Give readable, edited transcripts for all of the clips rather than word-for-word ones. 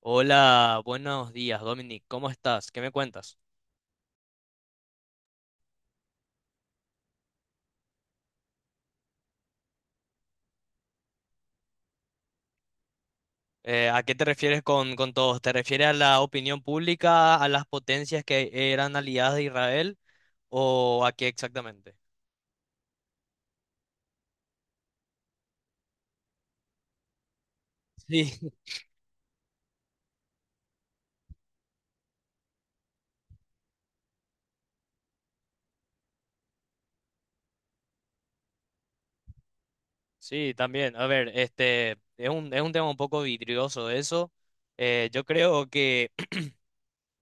Hola, buenos días, Dominic. ¿Cómo estás? ¿Qué me cuentas? ¿A qué te refieres con todos? ¿Te refieres a la opinión pública, a las potencias que eran aliadas de Israel o a qué exactamente? Sí, sí, también. A ver, es un tema un poco vidrioso eso. Yo creo que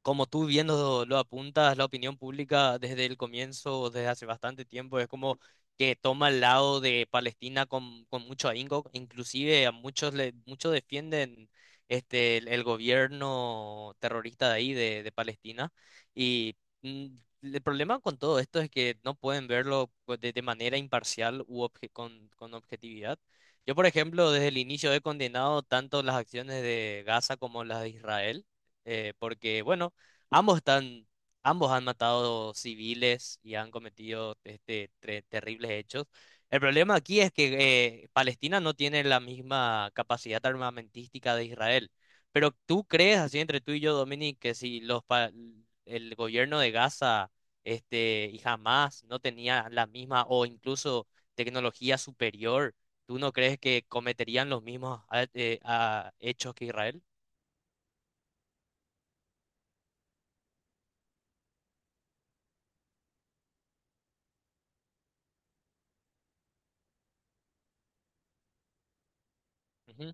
como tú viendo lo apuntas, la opinión pública desde el comienzo, desde hace bastante tiempo, es como que toma el lado de Palestina con mucho ahínco, inclusive a muchos defienden el gobierno terrorista de ahí de Palestina y mm, el problema con todo esto es que no pueden verlo pues, de manera imparcial con objetividad. Yo, por ejemplo, desde el inicio he condenado tanto las acciones de Gaza como las de Israel porque, bueno, Ambos están, ambos han matado civiles y han cometido terribles hechos. El problema aquí es que Palestina no tiene la misma capacidad armamentística de Israel. Pero ¿tú crees, así entre tú y yo, Dominic, que si los pa- el gobierno de Gaza y Hamas no tenía la misma o incluso tecnología superior, ¿tú no crees que cometerían los mismos hechos que Israel? Ujú.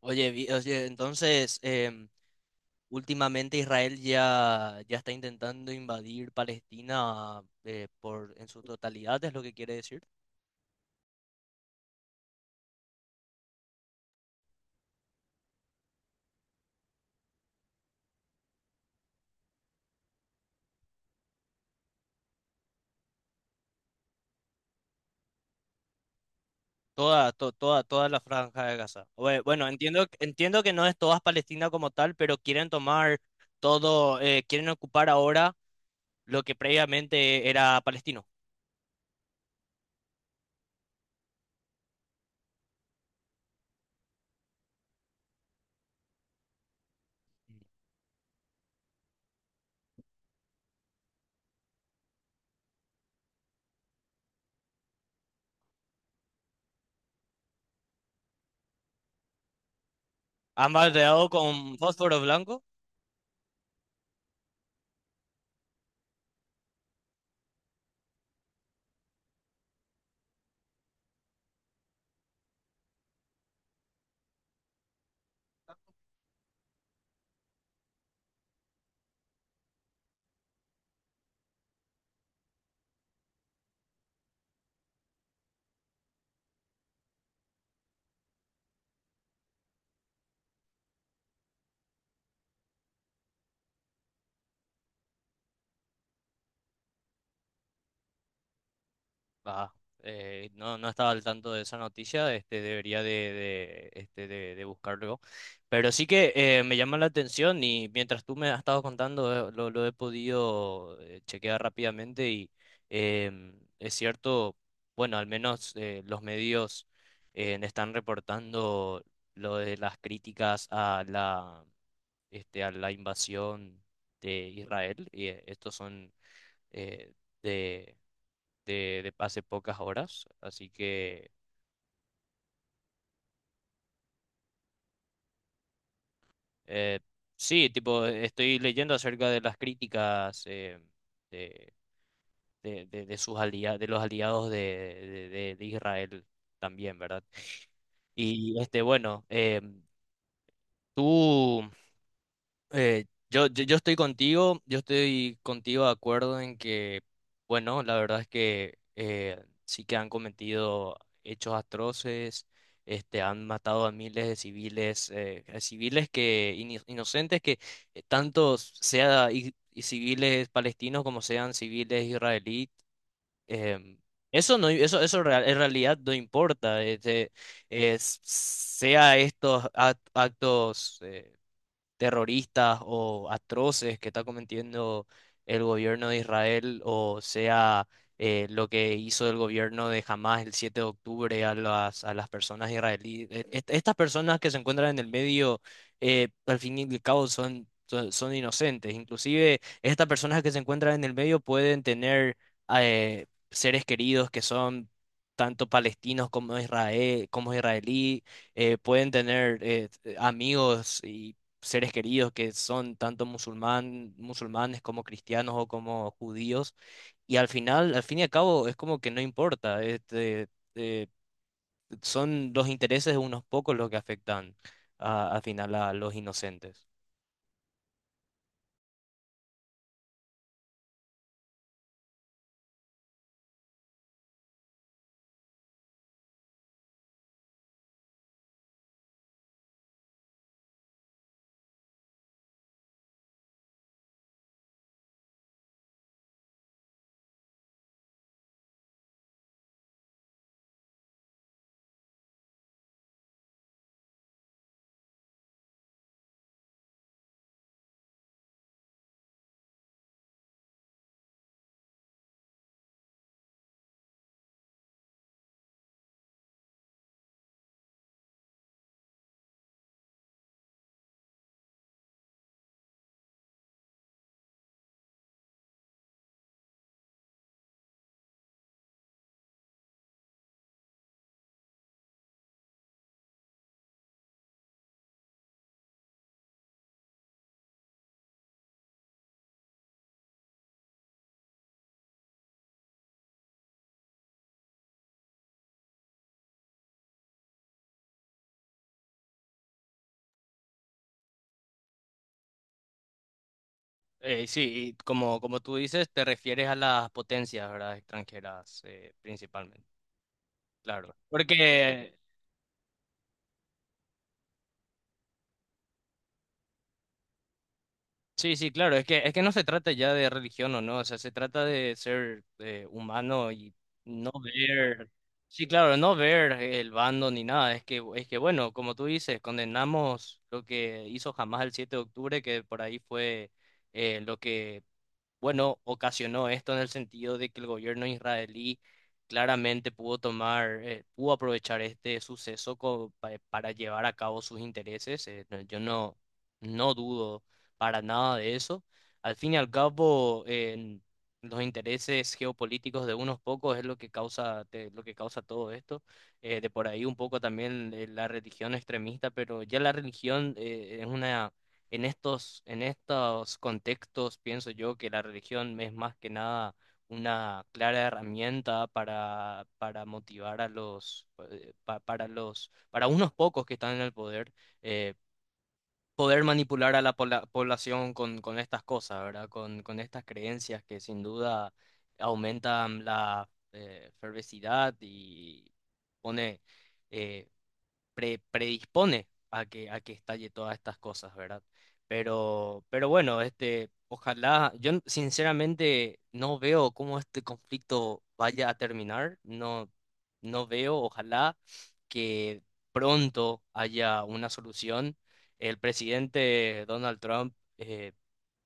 Oye, entonces, últimamente Israel ya está intentando invadir Palestina en su totalidad, es lo que quiere decir. Toda la franja de Gaza. Bueno, entiendo que no es toda Palestina como tal, pero quieren tomar todo, quieren ocupar ahora lo que previamente era palestino. Han rodeado con fósforo blanco. Ah, no estaba al tanto de esa noticia, este, debería de, este, de buscarlo. Pero sí que me llama la atención y mientras tú me has estado contando, lo he podido chequear rápidamente y es cierto, bueno, al menos los medios están reportando lo de las críticas a a la invasión de Israel y estos son... eh, de de hace pocas horas. Así que eh, sí, tipo, estoy leyendo acerca de las críticas de, de sus de los aliados de Israel también, ¿verdad? Y este, bueno, em, tú. Eh, yo estoy contigo de acuerdo en que, bueno, la verdad es que sí que han cometido hechos atroces, este, han matado a miles de civiles, a civiles que inocentes que tanto sea y civiles palestinos como sean civiles israelíes, em, eso en realidad no importa, este, sea estos actos terroristas o atroces que está cometiendo el gobierno de Israel, o sea, lo que hizo el gobierno de Hamas el 7 de octubre a a las personas israelíes. Estas personas que se encuentran en el medio, al fin y al cabo, son inocentes. Inclusive, estas personas que se encuentran en el medio pueden tener seres queridos que son... tanto palestinos como como israelí, pueden tener amigos y seres queridos que son tanto musulmanes como cristianos o como judíos. Y al final, al fin y al cabo, es como que no importa. Este, eh, son los intereses de unos pocos los que afectan al final a los inocentes. Sí, y como, como tú dices, te refieres a las potencias, ¿verdad? Extranjeras, principalmente. Claro. Porque sí, sí, claro, es que no se trata ya de religión o no, o sea, se trata de ser humano y no ver, sí, claro, no ver el bando ni nada, es que bueno, como tú dices, condenamos lo que hizo jamás el 7 de octubre, que por ahí fue lo que bueno, ocasionó esto en el sentido de que el gobierno israelí claramente pudo aprovechar este suceso para llevar a cabo sus intereses. No- yo no, No dudo para nada de eso. Al fin y al cabo, en los intereses geopolíticos de unos pocos es lo que lo que causa todo esto. De por ahí un poco también la religión extremista, pero ya la religión es una en estos contextos pienso yo que la religión es más que nada una clara herramienta para motivar a para para unos pocos que están en el poder, eh, poder manipular a la población con estas cosas, ¿verdad? Con estas creencias que sin duda aumentan la fervesidad y pone eh, predispone a que estalle todas estas cosas, ¿verdad? Pero bueno, este, ojalá, sinceramente no veo cómo este conflicto vaya a terminar, no, no veo, ojalá que pronto haya una solución. El presidente Donald Trump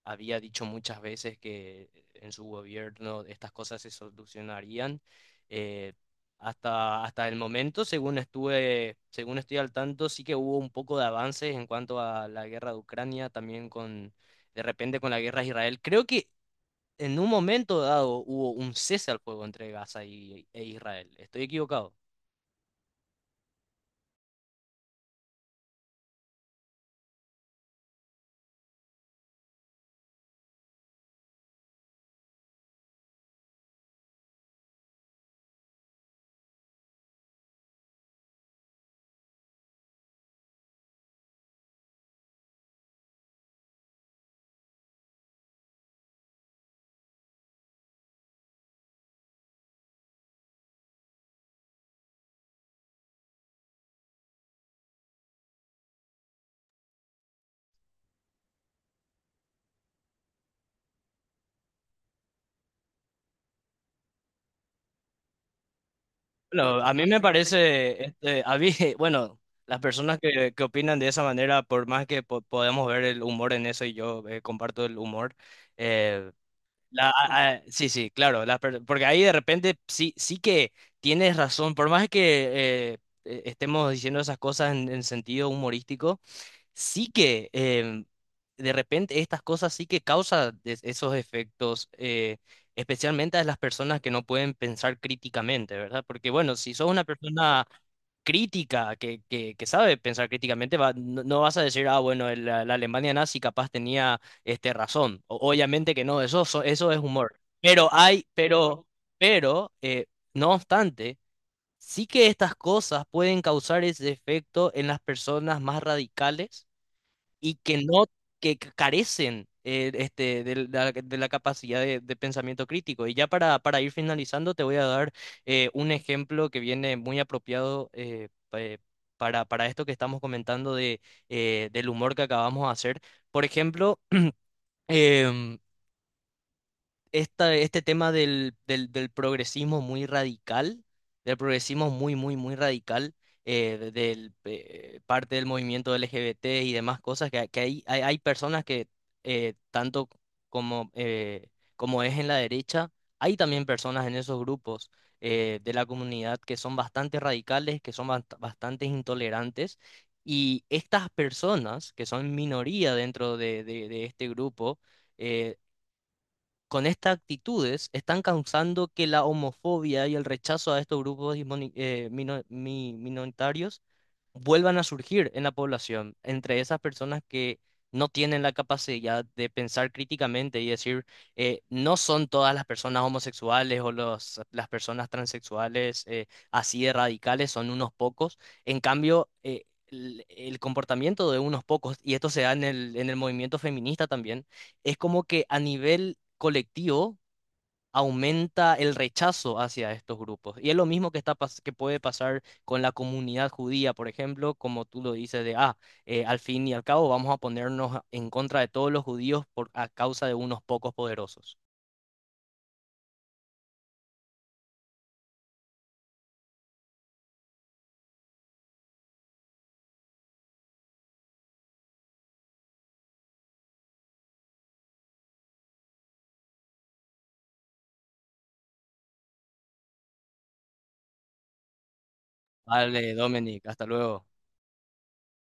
había dicho muchas veces que en su gobierno estas cosas se solucionarían. eh, Hasta el momento, según estoy al tanto, sí que hubo un poco de avances en cuanto a la guerra de Ucrania, de repente con la guerra de Israel. Creo que en un momento dado hubo un cese al fuego entre e Israel. ¿Estoy equivocado? Bueno, a mí me parece, este, a mí, bueno, las personas que opinan de esa manera, por más que podamos ver el humor en eso y yo comparto el humor, eh, sí, sí, claro, porque ahí de repente sí, sí que tienes razón, por más que estemos diciendo esas cosas en sentido humorístico, sí que em, de repente estas cosas sí que causan esos efectos, especialmente a las personas que no pueden pensar críticamente, ¿verdad? Porque bueno, si sos una persona crítica, que sabe pensar críticamente, no, no vas a decir, ah, bueno, la Alemania nazi capaz tenía este, razón. Obviamente que no, eso es humor. Pero hay, pero, no obstante, sí que estas cosas pueden causar ese efecto en las personas más radicales y que no, que carecen de la capacidad de pensamiento crítico. Y ya para ir finalizando, te voy a dar un ejemplo que viene muy apropiado para esto que estamos comentando de, del humor que acabamos de hacer. Por ejemplo, este tema del progresismo muy radical, del progresismo muy radical, del parte del movimiento LGBT y demás cosas, hay personas que tanto como, como es en la derecha, hay también personas en esos grupos de la comunidad que son bastante radicales, que son bastante intolerantes. Y estas personas, que son minoría dentro de este grupo, eh, con estas actitudes están causando que la homofobia y el rechazo a estos grupos minoritarios vuelvan a surgir en la población, entre esas personas que no tienen la capacidad de pensar críticamente y decir, no son todas las personas homosexuales o las personas transexuales así de radicales, son unos pocos. En cambio, el comportamiento de unos pocos, y esto se da en el movimiento feminista también, es como que a nivel colectivo aumenta el rechazo hacia estos grupos. Y es lo mismo que, que puede pasar con la comunidad judía, por ejemplo, como tú lo dices de, ah, al fin y al cabo vamos a ponernos en contra de todos los judíos por, a causa de unos pocos poderosos. Vale, Dominic, hasta luego.